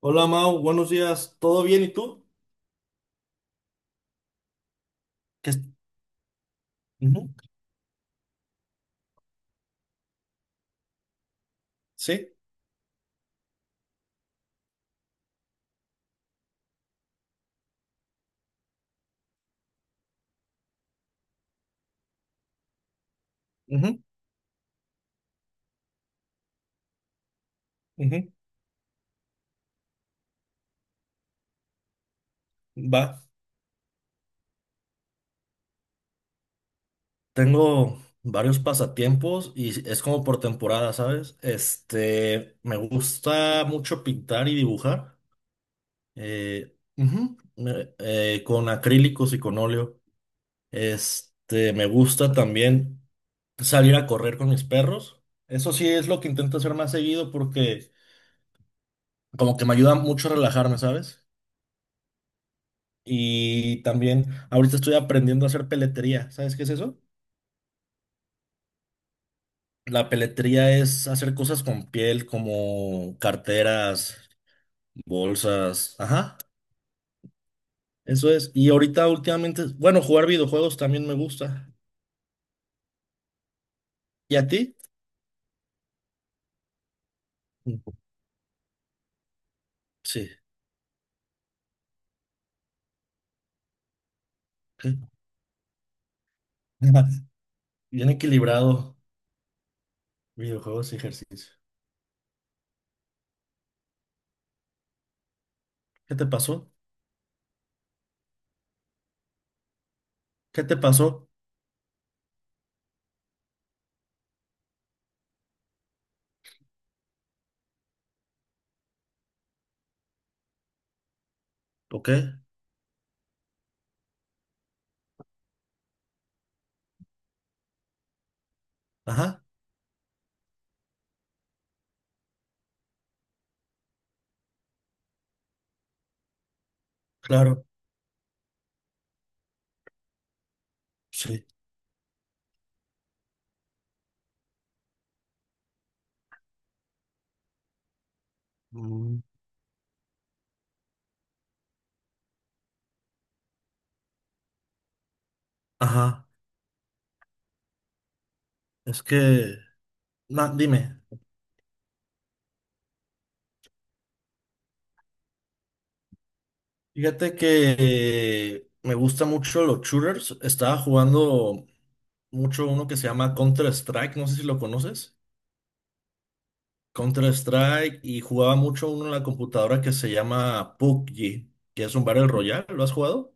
Hola Mau, buenos días. ¿Todo bien? ¿Y tú? ¿Qué es- Ujú. Sí. Ujú. Ujú. Va. Tengo varios pasatiempos y es como por temporada, ¿sabes? Este, me gusta mucho pintar y dibujar, ujú, con acrílicos y con óleo. Este, me gusta también salir a correr con mis perros. Eso sí es lo que intento hacer más seguido porque como que me ayuda mucho a relajarme, ¿sabes? Y también ahorita estoy aprendiendo a hacer peletería. ¿Sabes qué es eso? La peletería es hacer cosas con piel como carteras, bolsas. Ajá, eso es. Y ahorita últimamente, bueno, jugar videojuegos también me gusta. ¿Y a ti? Sí. ¿Qué? Bien equilibrado, videojuegos y ejercicio. ¿Qué te pasó? ¿Qué te pasó? ¿O Ajá, claro, sí. Mm. Ajá, es que, no, dime. Fíjate que me gusta mucho los shooters. Estaba jugando mucho uno que se llama Counter-Strike, no sé si lo conoces. Counter-Strike y jugaba mucho uno en la computadora que se llama PUBG, que es un Battle Royale. ¿Lo has jugado?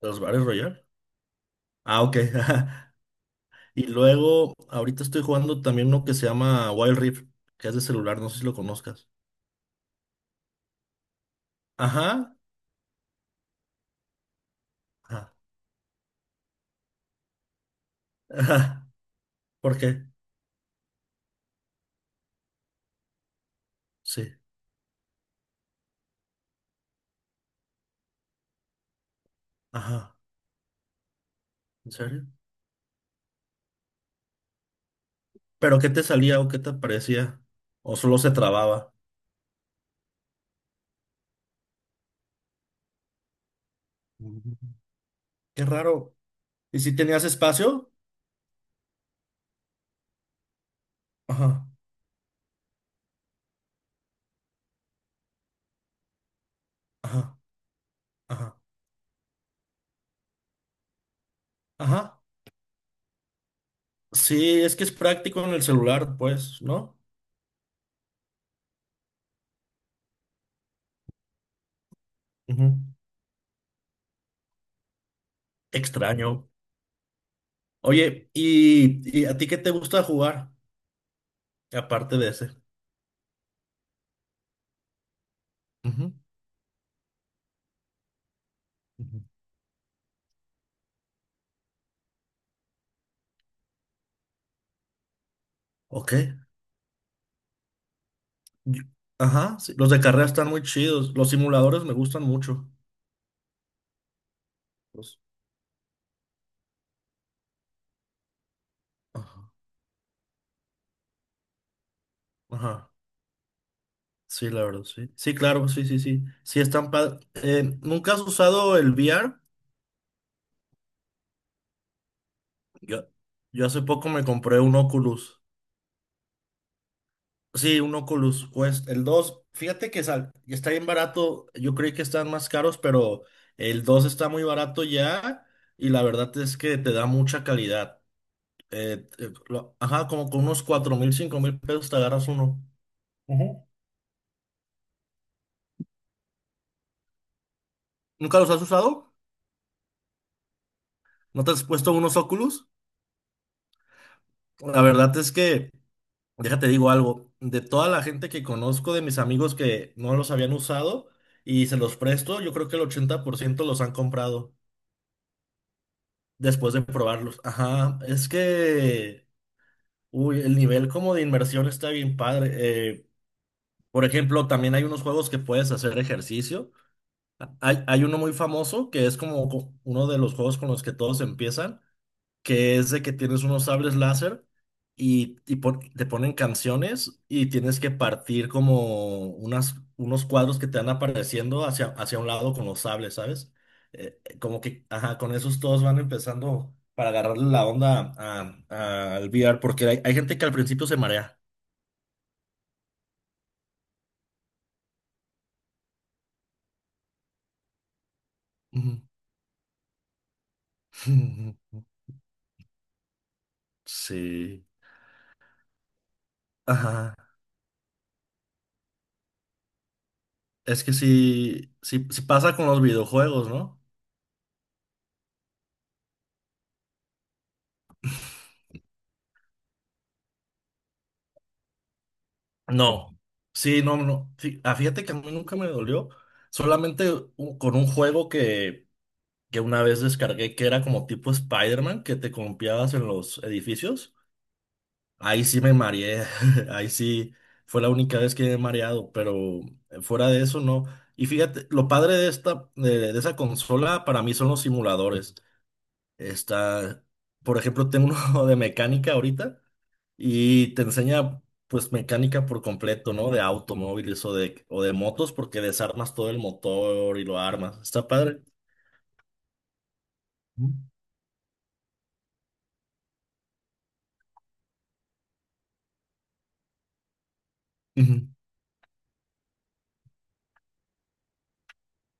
Los Battle Royale. Ah, ok. Y luego, ahorita estoy jugando también uno que se llama Wild Rift, que es de celular, no sé si lo conozcas. Ajá. Ajá. Ajá. ¿Por qué? Sí. Ajá. ¿En serio? ¿Pero qué te salía o qué te parecía? ¿O solo se trababa? Mm. Qué raro. ¿Y si tenías espacio? Ajá, ajá, ajá, ajá. Sí, es que es práctico en el celular, pues, ¿no? Ujú. Extraño. Oye, ¿y a ti qué te gusta jugar? Aparte de ese. Ujú. Ujú. Ok. Yo- Ajá, sí, los de carrera están muy chidos. Los simuladores me gustan mucho. Los- Ajá. Ajá. Sí, la verdad, sí. Sí, claro, sí, sí, sí. Sí, están ¿nunca has usado el VR? Yo, yo hace poco me compré un Oculus. Sí, un Oculus Quest. El 2, fíjate que está bien barato. Yo creí que están más caros, pero el 2 está muy barato ya. Y la verdad es que te da mucha calidad. Ajá, como con unos 4,000, 5,000 pesos te agarras uno. Ujú. ¿Nunca los has usado? ¿No te has puesto unos Oculus? La verdad es que. Déjate digo algo, de toda la gente que conozco, de mis amigos que no los habían usado y se los presto, yo creo que el 80% los han comprado después de probarlos. Ajá, es que, uy, el nivel como de inmersión está bien padre. Eh, por ejemplo, también hay unos juegos que puedes hacer ejercicio. Hay uno muy famoso que es como uno de los juegos con los que todos empiezan, que es de que tienes unos sables láser y te ponen canciones y tienes que partir como unas, unos cuadros que te van apareciendo hacia, un lado con los sables, ¿sabes? Como que, ajá, con esos todos van empezando para agarrarle la onda al VR, porque hay gente que al principio se marea. Ujú. Sí, ajá. Es que sí, sí, sí pasa con los videojuegos, ¿no? No, sí, no, no, sí, ah, fíjate que a mí nunca me dolió. Solamente con un juego que una vez descargué que era como tipo Spider-Man, que te confiabas en los edificios. Ahí sí me mareé. Ahí sí fue la única vez que me he mareado, pero fuera de eso no. Y fíjate, lo padre de esta, de esa consola para mí son los simuladores. Está, por ejemplo, tengo uno de mecánica ahorita y te enseña pues mecánica por completo, ¿no? De automóviles o de motos porque desarmas todo el motor y lo armas. Está padre. Ujú. Ujú.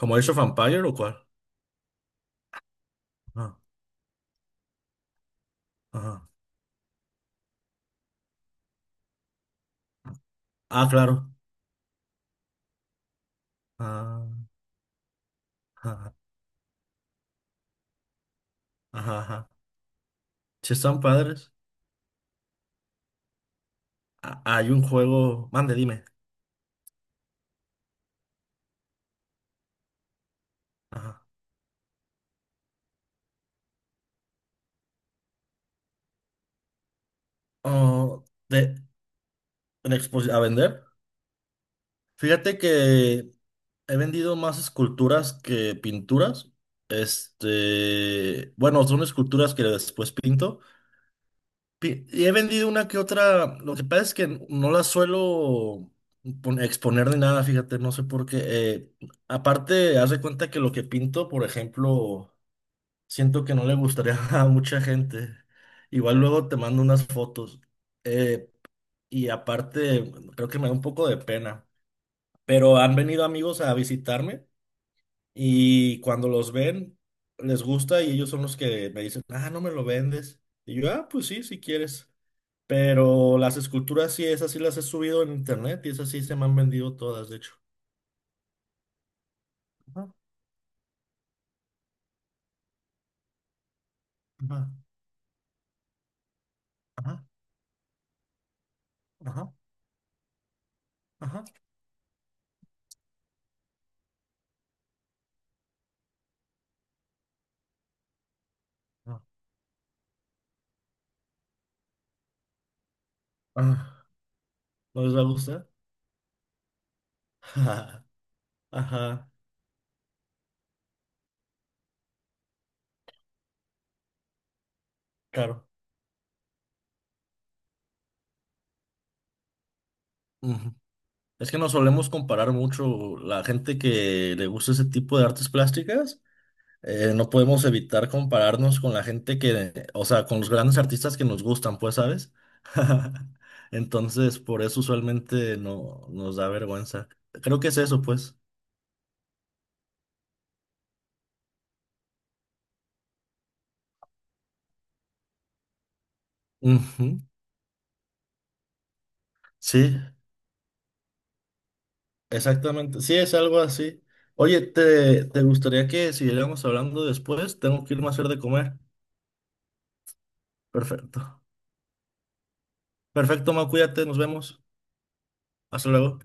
¿Como Age of Empire o cuál? Ah, ajá. Ah, claro. Ah, ajá, ajá, ajá. Sí están padres. Ah, hay un juego, mande, dime. Ajá. Oh, de, a vender. Fíjate que he vendido más esculturas que pinturas. Este, bueno, son esculturas que después pinto. Y he vendido una que otra. Lo que pasa es que no las suelo exponer ni nada, fíjate, no sé por qué. Aparte, haz de cuenta que lo que pinto, por ejemplo, siento que no le gustaría a mucha gente. Igual luego te mando unas fotos. Eh, y aparte, creo que me da un poco de pena. Pero han venido amigos a visitarme y cuando los ven, les gusta y ellos son los que me dicen, ah, no me lo vendes. Y yo, ah, pues sí, si quieres. Pero las esculturas sí, esas sí las he subido en internet y esas sí se me han vendido todas, de hecho. Ajá, ajá, ajá, ajá, ajá, ajá. Ah, ¿no les va a gustar? Ajá, claro. Ujú. Es que nos solemos comparar mucho la gente que le gusta ese tipo de artes plásticas, no podemos evitar compararnos con la gente que, o sea, con los grandes artistas que nos gustan, pues, ¿sabes? Entonces, por eso usualmente no nos da vergüenza. Creo que es eso, pues. Ujú. Sí, exactamente. Sí, es algo así. Oye, ¿te gustaría que siguiéramos hablando después? Tengo que irme a hacer de comer. Perfecto. Perfecto, Mau, cuídate, nos vemos. Hasta luego.